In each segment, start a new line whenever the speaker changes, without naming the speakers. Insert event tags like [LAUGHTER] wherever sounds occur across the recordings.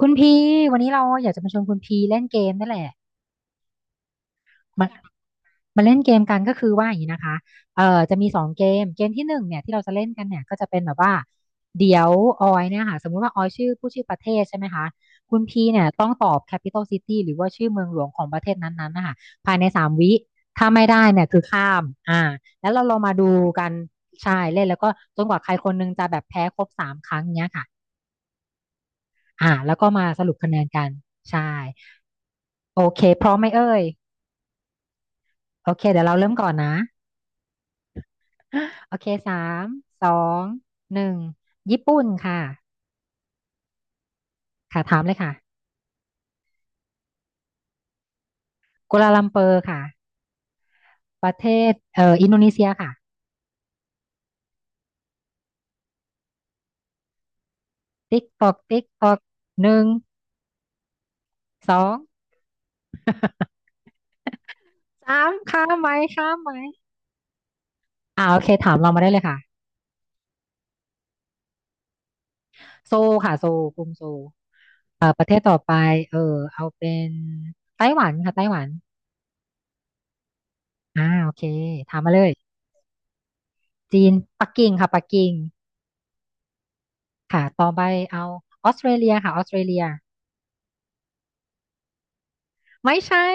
คุณพีวันนี้เราอยากจะมาชวนคุณพีเล่นเกมนั่นแหละมามาเล่นเกมกันก็คือว่าอย่างนี้นะคะจะมีสองเกมเกมที่หนึ่งเนี่ยที่เราจะเล่นกันเนี่ยก็จะเป็นแบบว่าเดี๋ยวออยเนี่ยค่ะสมมุติว่าออยชื่อผู้ชื่อประเทศใช่ไหมคะคุณพีเนี่ยต้องตอบ capital city หรือว่าชื่อเมืองหลวงของประเทศนั้นๆนะคะภายใน3 วิถ้าไม่ได้เนี่ยคือข้ามอ่าแล้วเราลองมาดูกันใช่เล่นแล้วก็จนกว่าใครคนนึงจะแบบแพ้ครบสามครั้งเนี้ยค่ะ แล้วก็มาสรุปคะแนนกันใช่โอเคพร้อมไหมเอ่ยโอเคเดี๋ยวเราเริ่มก่อนนะโอเคสามสองหนึ่งญี่ปุ่นค่ะค่ะถามเลยค่ะกัวลาลัมเปอร์ค่ะประเทศอินโดนีเซียค่ะติ๊กตอกติ๊กตอกหนึ่งสอง [LAUGHS] สามข้ามไหมข้ามไหมโอเคถามเรามาได้เลยค่ะโซลค่ะโซลกรุงโซลประเทศต่อไปเออเอาเป็นไต้หวันค่ะไต้หวันโอเคถามมาเลย จีนปักกิ่งค่ะปักกิ่งค่ะต่อไปเอาออสเตรเลียค่ะออสเตรเลียไม่ใช่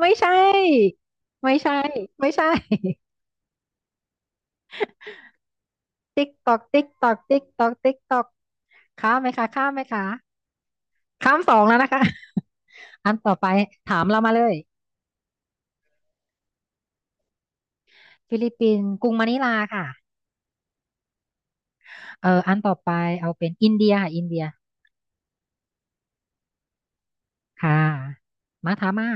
ไม่ใช่ไม่ใช่ไม่ใช่ติ๊กตอกติ๊กตอกติ๊กตอกติ๊กตอกข้ามไหมคะข้ามไหมคะข้ามสองแล้วนะคะอันต่อไปถามเรามาเลยฟิลิปปินส์กรุงมะนิลาค่ะอันต่อไปเอาเป็นอินเดียค่ะอินเดียค่ะมาทามมา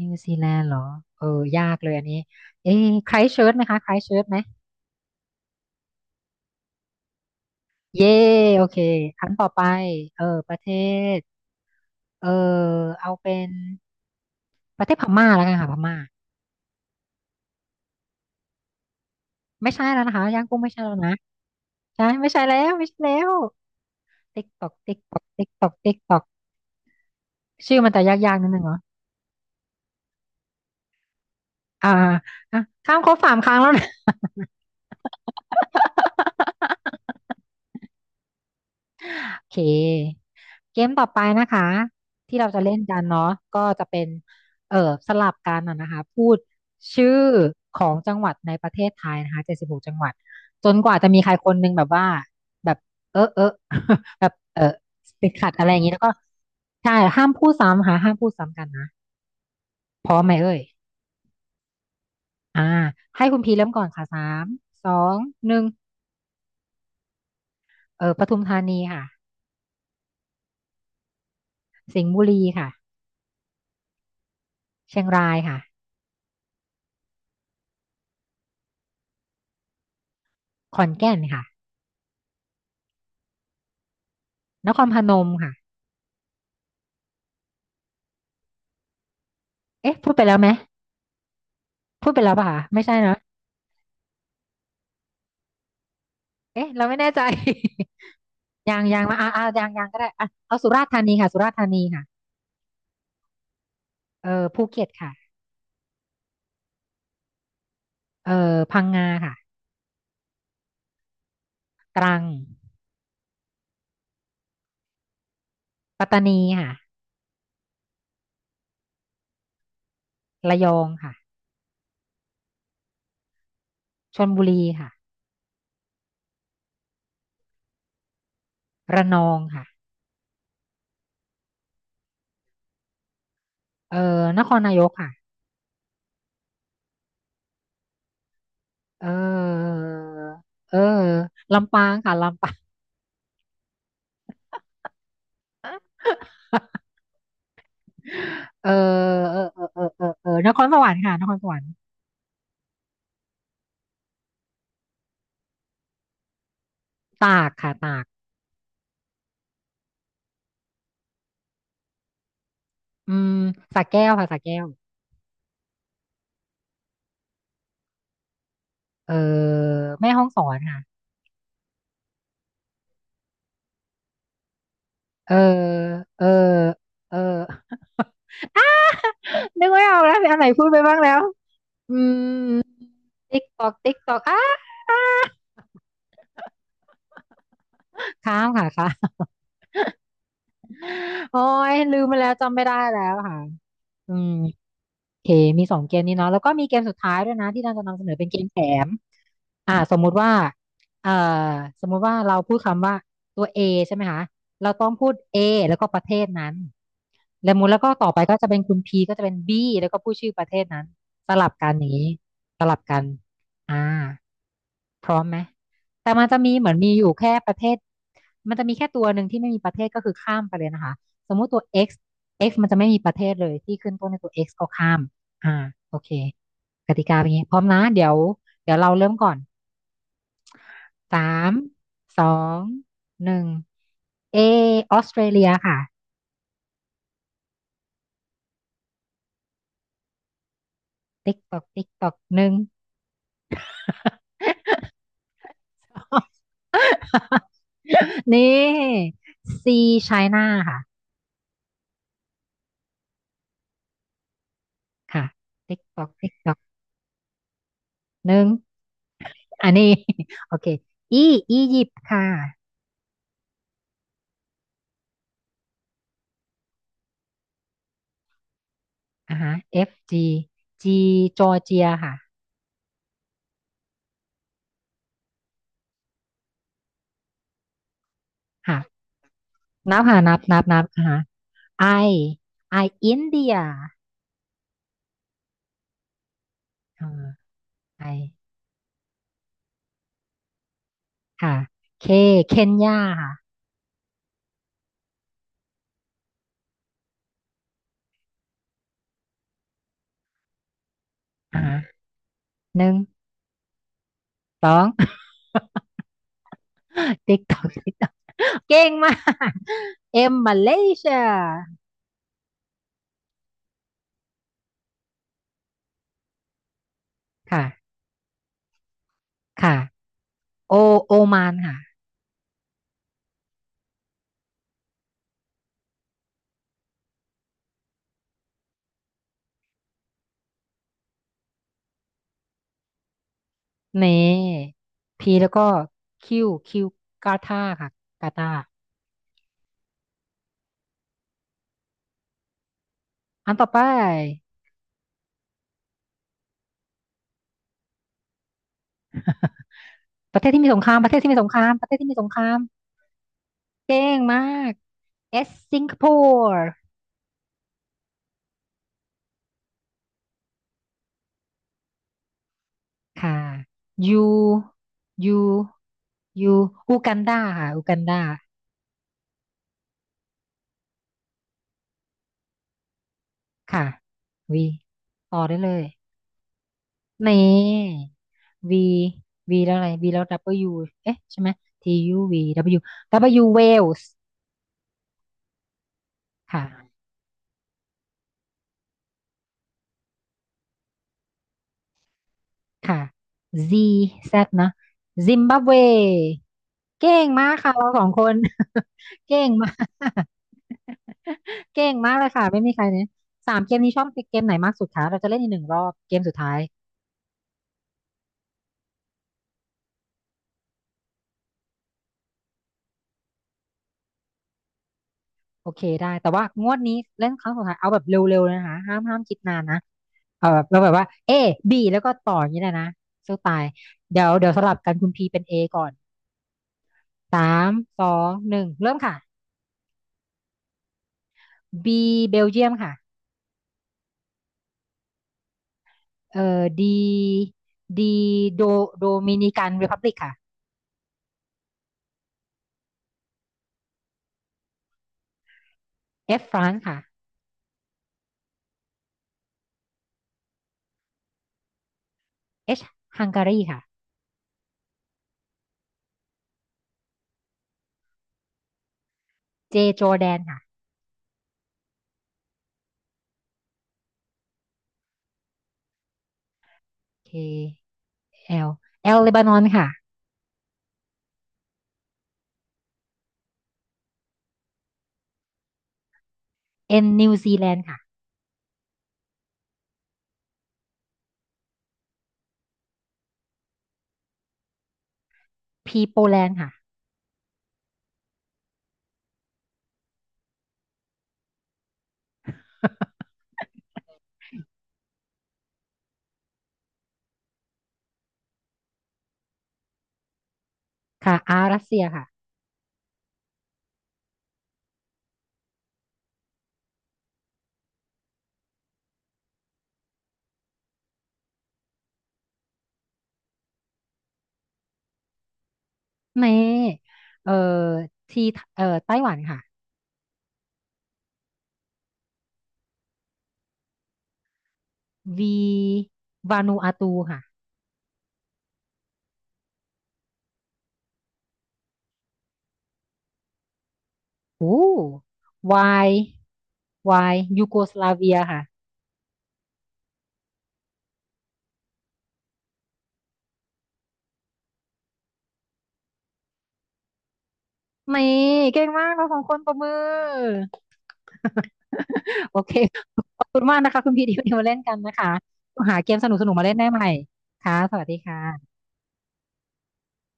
นิวซีแลนด์เหรอเออยากเลยอันนี้เอ๊ะไครสต์เชิร์ชไหมคะไครสต์เชิร์ชไหม เย่โอเคครั้งต่อไปประเทศเออเอาเป็นประเทศพม่าแล้วกันค่ะพม่าไม่ใช่แล้วนะคะย่างกุ้งไม่ใช่แล้วนะใช่ไม่ใช่แล้วไม่ใช่แล้วติ๊กตอกติ๊กตอกติ๊กตอกติ๊กตอกชื่อมันจะยากๆนิดนึงเหรออ่าอ่ะข้ามครบสามครั้งแล้วนะ โอเคเกมต่อไปนะคะที่เราจะเล่นกันเนาะก็จะเป็นเออสลับกันนะนะคะพูดชื่อของจังหวัดในประเทศไทยนะคะ76 จังหวัดจนกว่าจะมีใครคนหนึงแบบว่าแบบเออเออ [LAUGHS] แบบติดขัดอะไรอย่างนี้แล้วก็ใช่ห้ามพูดซ้ำค่ะห้ามพูดซ้ำกันนะพร้อมไหมเอ่ยอ่าให้คุณพีเริ่มก่อนค่ะสามสองหนึ่งปทุมธานีค่ะสิงห์บุรีค่ะเชียงรายค่ะขอนแก่นค่ะนครพนมค่ะ เอ๊ะพูดไปแล้วไหมพูดไปแล้วป่ะคะไม่ใช่เนอะเอ๊ะเราไม่แน่ใจ [LAUGHS] ยังยังมายังยังก็ได้อ่ะเอาสุราษฎร์ธานีค่ะสุราษฎร์ธานีค่ะภูเก็ตค่ะเออพังงาค่ะตรังปัตตานีค่ะระยองค่ะชลบุรีค่ะระนองค่ะเออนครนายกค่ะเออเออลำปางค่ะลำปางเออเออเออเออเออเออนครสวรรค์ค่ะนครสวรรค์ตากค่ะตากอืมสระแก้วค่ะสระแก้ว เออแม่ห้องสอนค่ะเออเออเออ [LAUGHS] อ้านึกไม่ออกแล้วอันไหนพูดไปบ้างแล้วอืมติ๊กตอกติ๊กตอกอ้าอ้าค้ามค่ะค้าม [LAUGHS] โอ้ยลืมไปแล้วจำไม่ได้แล้วค่ะอืมโอเคมีสองเกมนี้เนาะแล้วก็มีเกมสุดท้ายด้วยนะที่เราจะนำเสนอเป็นเกมแถมสมมุติว่าเอ่อสมมุติว่าเราพูดคำว่าตัว A ใช่ไหมคะเราต้องพูด A แล้วก็ประเทศนั้น และมูลแล้วก็ต่อไปก็จะเป็นคุณพีก็จะเป็นบีแล้วก็พูดชื่อประเทศนั้นสลับกันอย่างนี้สลับกันอ่าพร้อมไหมแต่มันจะมีเหมือนมีอยู่แค่ประเทศมันจะมีแค่ตัวหนึ่งที่ไม่มีประเทศก็คือข้ามไปเลยนะคะสมมุติตัว x x มันจะไม่มีประเทศเลยที่ขึ้นต้นในตัว x ก็ข้ามอ่าโอเคกติกาเป็นอย่างนี้พร้อมนะเดี๋ยวเดี๋ยวเราเริ่มก่อนสามสองหนึ่งเอออสเตรเลียค่ะติ๊กตอกติ๊กตอกหนึ่ง [LAUGHS] [LAUGHS] นี่ซีไชน่าค่ะ ค่ะติ๊กตอกติ๊กตอกหนึ่งอันนี้ [LAUGHS] โอเค E อียิปต์ค่ะอ่าฮะ F G G จอร์เจียค่ะค่ะนับค่ะ นับนับนับอ่าฮะ I I อินเดียอ่า I ค่ะ K เคนยาค่ะอ่าฮะหนึ่งสอง [LAUGHS] ติ๊กตอกติ๊กตอกเก่งมาก M มาเลเซียค่ะ ค่ะ โอโอมานค่ะเน่พีแล้วก็คิวกาตาค่ะกาตาอันต่อไป [LAUGHS] ประเทศที่มีสงครามประเทศที่มีสงครามประเทศที่มีสงครามเก่งมากเอสสิงคโปร์ค่ะยูยูยูอูกันดาค่ะอูกันดาค่ะวีต่อได้เลยเน่วีวีแล้วอะไรวีแล้ว W เอ๊ะใช่ไหม T U V W W Wales ค่ะ ค่ะ Z Z เนอะซิมบับเวเก่งมากค่ะเราสองคน [LAUGHS] เก่งมาก [LAUGHS] เก่งมากเลยค่ะไม่มีใครเนี่ยสามเกมนี้ชอบเกมไหนมากสุดคะเราจะเล่นอีกหนึ่งรอบเกมสุดท้ายโอเคได้แต่ว่างวดนี้เล่นครั้งสุดท้ายเอาแบบเร็วๆเลยนะคะห้ามห้ามคิดนานนะเอาแบบเราแบบว่า A B แล้วก็ต่ออย่างนี้เลยนะสู้ตายเดี๋ยวเดี๋ยวสลับกันคุณพีเป็น A ก่อนสามสองหนึ่งเริ่มค่ะ B เบลเยียมค่ะ เอ่อดีดีโดโดมินิกันรีพับลิกค่ะ F ฝรั่งค่ะ H ฮังการีค่ะ J จอร์แดนค่ะ K L L เลบานอนค่ะ N นิวซีแลนด์ค่ะ P โปแลนด์ค่ะค่ะ R รัสเซียค่ะเมเอ่อ T ไต้หวันค่ะ V วานูอาตูค่ะโอ้ Y Y ยูโกสลาเวียค่ะเมเก่งมากเราสองคนปรบมือ [LAUGHS] โอเคขอบคุณมากนะคะคุณพีดีวันนี้มาเล่นกันนะคะหาเกมสนุกๆมาเล่นได้ใหม่ค่ะสวัสดีค่ะ